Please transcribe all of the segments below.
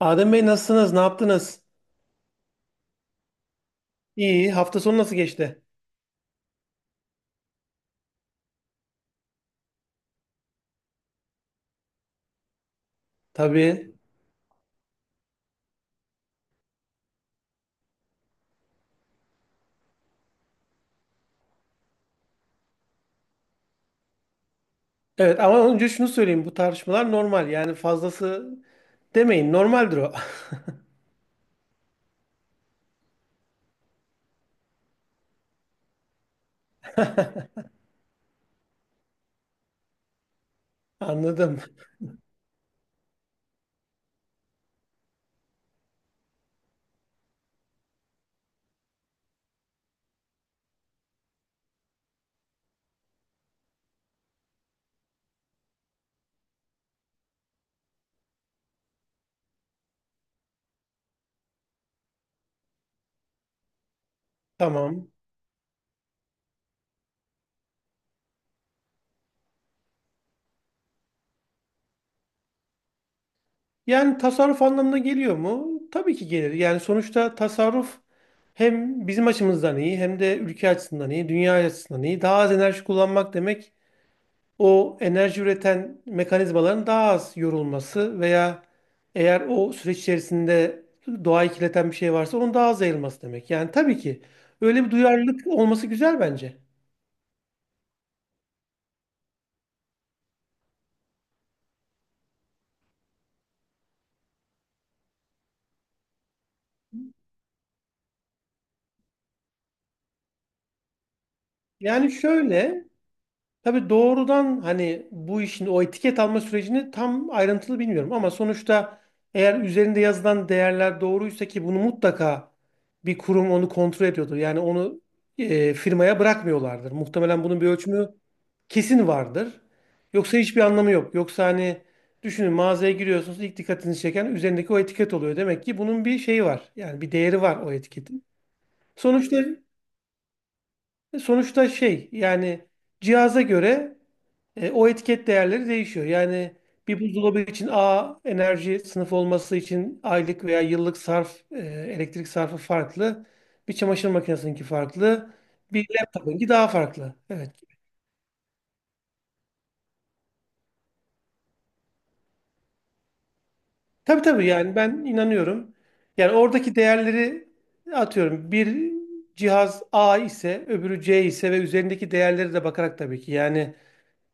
Adem Bey nasılsınız? Ne yaptınız? İyi. Hafta sonu nasıl geçti? Tabii. Evet ama önce şunu söyleyeyim. Bu tartışmalar normal. Yani fazlası demeyin. Normaldir o. Anladım. Tamam. Yani tasarruf anlamına geliyor mu? Tabii ki gelir. Yani sonuçta tasarruf hem bizim açımızdan iyi hem de ülke açısından iyi, dünya açısından iyi. Daha az enerji kullanmak demek o enerji üreten mekanizmaların daha az yorulması veya eğer o süreç içerisinde doğayı kirleten bir şey varsa onun daha az yayılması demek. Yani tabii ki öyle bir duyarlılık olması güzel bence. Yani şöyle. Tabii doğrudan hani bu işin o etiket alma sürecini tam ayrıntılı bilmiyorum ama sonuçta eğer üzerinde yazılan değerler doğruysa ki bunu mutlaka bir kurum onu kontrol ediyordur. Yani onu firmaya bırakmıyorlardır. Muhtemelen bunun bir ölçümü kesin vardır. Yoksa hiçbir anlamı yok. Yoksa hani düşünün mağazaya giriyorsunuz ilk dikkatinizi çeken üzerindeki o etiket oluyor. Demek ki bunun bir şeyi var. Yani bir değeri var o etiketin. Sonuçta sonuçta şey yani cihaza göre o etiket değerleri değişiyor. Yani bir buzdolabı için A enerji sınıfı olması için aylık veya yıllık sarf, elektrik sarfı farklı. Bir çamaşır makinesininki farklı. Bir laptopunki daha farklı. Evet. Tabii tabii yani ben inanıyorum. Yani oradaki değerleri atıyorum. Bir cihaz A ise, öbürü C ise ve üzerindeki değerleri de bakarak tabii ki. Yani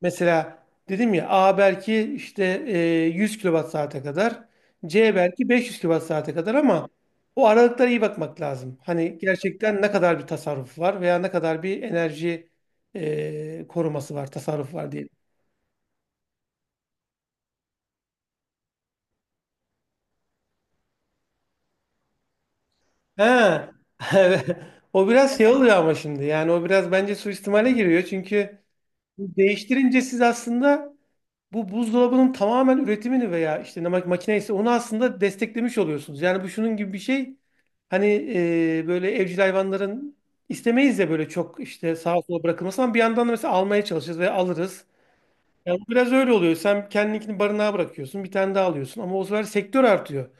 mesela dedim ya A belki işte 100 kilowatt saate kadar, C belki 500 kilowatt saate kadar ama o aralıklara iyi bakmak lazım. Hani gerçekten ne kadar bir tasarruf var veya ne kadar bir enerji koruması var, tasarruf var diyelim. Ha, evet. O biraz şey oluyor ama şimdi yani o biraz bence suistimale giriyor çünkü değiştirince siz aslında bu buzdolabının tamamen üretimini veya işte ne makine ise onu aslında desteklemiş oluyorsunuz. Yani bu şunun gibi bir şey. Hani böyle evcil hayvanların istemeyiz ya böyle çok işte sağa sola bırakılması ama bir yandan da mesela almaya çalışırız ve alırız. Yani bu biraz öyle oluyor. Sen kendininkini barınağa bırakıyorsun, bir tane daha alıyorsun ama o sefer sektör artıyor.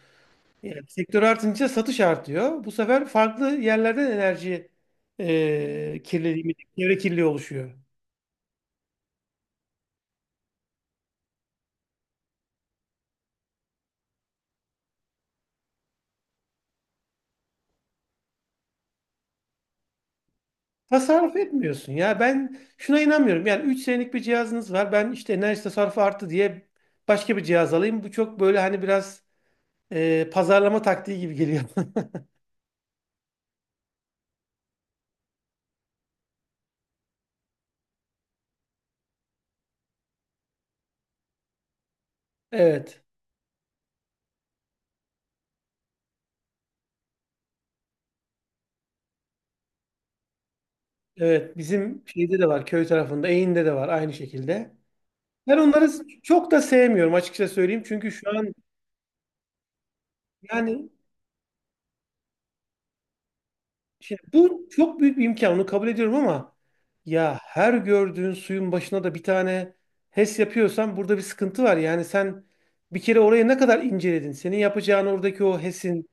Yani sektör artınca satış artıyor. Bu sefer farklı yerlerden enerji kirliliği, çevre kirliliği oluşuyor. Tasarruf etmiyorsun ya. Ben şuna inanmıyorum. Yani 3 senelik bir cihazınız var. Ben işte enerji tasarrufu arttı diye başka bir cihaz alayım. Bu çok böyle hani biraz pazarlama taktiği gibi geliyor. Evet. Evet. Bizim şeyde de var. Köy tarafında. Eğin'de de var aynı şekilde. Ben onları çok da sevmiyorum açıkça söyleyeyim. Çünkü şu an yani. Şimdi bu çok büyük bir imkan, onu kabul ediyorum ama ya her gördüğün suyun başına da bir tane HES yapıyorsan burada bir sıkıntı var. Yani sen bir kere orayı ne kadar inceledin? Senin yapacağın oradaki o HES'in,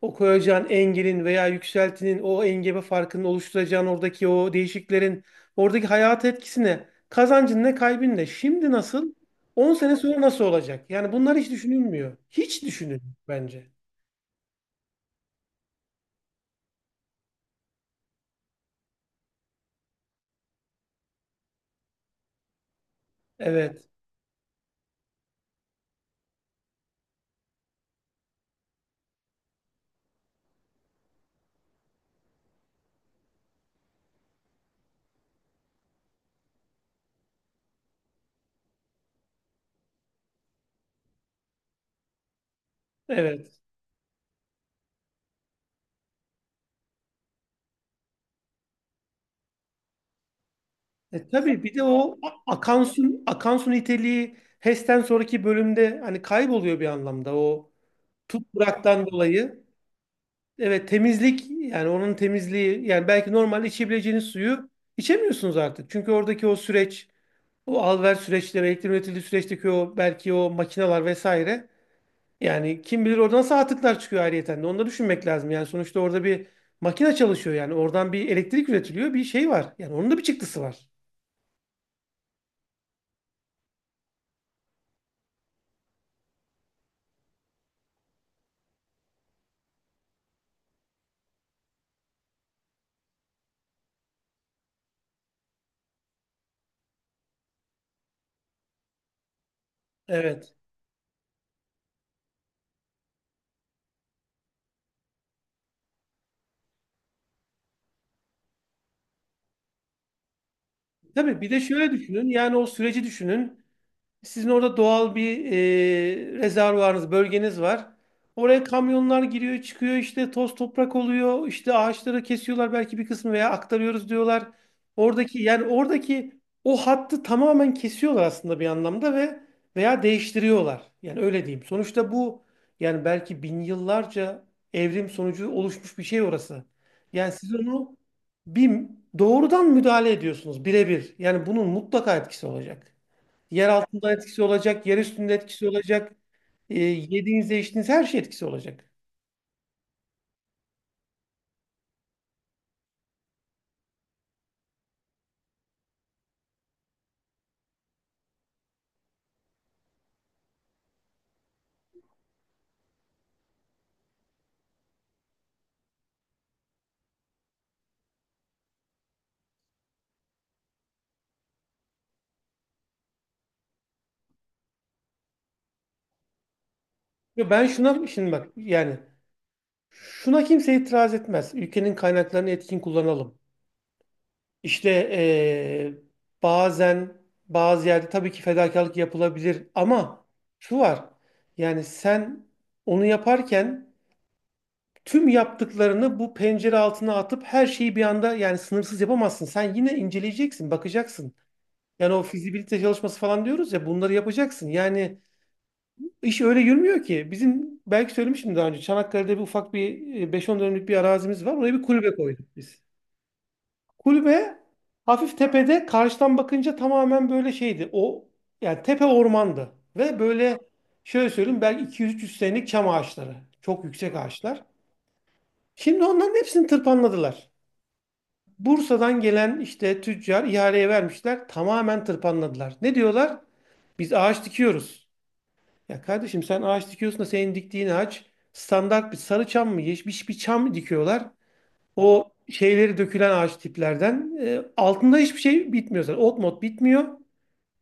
o koyacağın engelin veya yükseltinin, o engebe farkının oluşturacağın oradaki o değişiklerin, oradaki hayat etkisine, kazancın ne, kaybın ne? Şimdi nasıl? 10 sene sonra nasıl olacak? Yani bunlar hiç düşünülmüyor. Hiç düşünülmüyor bence. Evet, evet. Tabii bir de o akan su, akan su niteliği HES'ten sonraki bölümde hani kayboluyor bir anlamda o tutkuraktan dolayı. Evet temizlik yani onun temizliği yani belki normalde içebileceğiniz suyu içemiyorsunuz artık. Çünkü oradaki o süreç o alver süreçleri elektrik üretildiği süreçteki o belki o makineler vesaire yani kim bilir oradan nasıl atıklar çıkıyor ayrıyeten de onu da düşünmek lazım. Yani sonuçta orada bir makine çalışıyor yani oradan bir elektrik üretiliyor bir şey var yani onun da bir çıktısı var. Evet. Tabii bir de şöyle düşünün. Yani o süreci düşünün. Sizin orada doğal bir rezervuarınız, bölgeniz var. Oraya kamyonlar giriyor, çıkıyor işte toz toprak oluyor. İşte ağaçları kesiyorlar belki bir kısmı veya aktarıyoruz diyorlar. Oradaki yani oradaki o hattı tamamen kesiyorlar aslında bir anlamda ve veya değiştiriyorlar. Yani öyle diyeyim. Sonuçta bu yani belki bin yıllarca evrim sonucu oluşmuş bir şey orası. Yani siz onu bir doğrudan müdahale ediyorsunuz birebir. Yani bunun mutlaka etkisi olacak. Yer altında etkisi olacak, yer üstünde etkisi olacak. Yediğiniz, içtiğiniz her şey etkisi olacak. Ve ben şuna şimdi bak yani şuna kimse itiraz etmez. Ülkenin kaynaklarını etkin kullanalım. İşte bazen bazı yerde tabii ki fedakarlık yapılabilir ama şu var. Yani sen onu yaparken tüm yaptıklarını bu pencere altına atıp her şeyi bir anda yani sınırsız yapamazsın. Sen yine inceleyeceksin, bakacaksın. Yani o fizibilite çalışması falan diyoruz ya bunları yapacaksın. Yani iş öyle yürümüyor ki. Bizim belki söylemiştim daha önce Çanakkale'de bir ufak bir 5-10 dönümlük bir arazimiz var. Oraya bir kulübe koyduk biz. Kulübe hafif tepede karşıdan bakınca tamamen böyle şeydi. O yani tepe ormandı ve böyle şöyle söyleyeyim belki 200-300 senelik çam ağaçları. Çok yüksek ağaçlar. Şimdi onların hepsini tırpanladılar. Bursa'dan gelen işte tüccar ihaleye vermişler. Tamamen tırpanladılar. Ne diyorlar? Biz ağaç dikiyoruz. Ya kardeşim sen ağaç dikiyorsun da senin diktiğin ağaç standart bir sarı çam mı, yeşil bir çam mı dikiyorlar? O şeyleri dökülen ağaç tiplerden. Altında hiçbir şey bitmiyor zaten. Ot mot bitmiyor.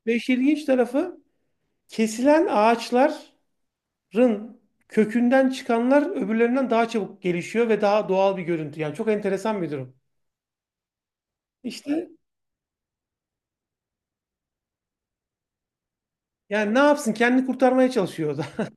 Ve işin ilginç tarafı kesilen ağaçların kökünden çıkanlar öbürlerinden daha çabuk gelişiyor ve daha doğal bir görüntü. Yani çok enteresan bir durum. İşte yani ne yapsın kendini kurtarmaya çalışıyor o da.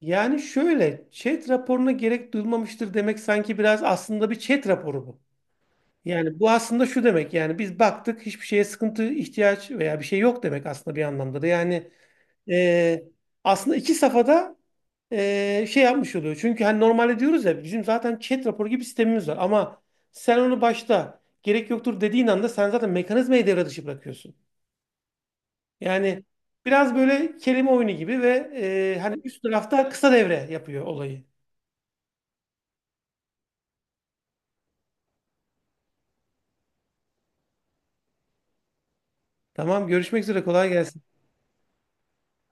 Yani şöyle chat raporuna gerek duyulmamıştır demek sanki biraz aslında bir chat raporu bu. Yani bu aslında şu demek yani biz baktık hiçbir şeye sıkıntı, ihtiyaç veya bir şey yok demek aslında bir anlamda da. Yani e, aslında iki safhada şey yapmış oluyor. Çünkü hani normalde diyoruz ya bizim zaten chat raporu gibi sistemimiz var ama sen onu başta gerek yoktur dediğin anda sen zaten mekanizmayı devre dışı bırakıyorsun. Yani biraz böyle kelime oyunu gibi ve hani üst tarafta kısa devre yapıyor olayı. Tamam görüşmek üzere kolay gelsin.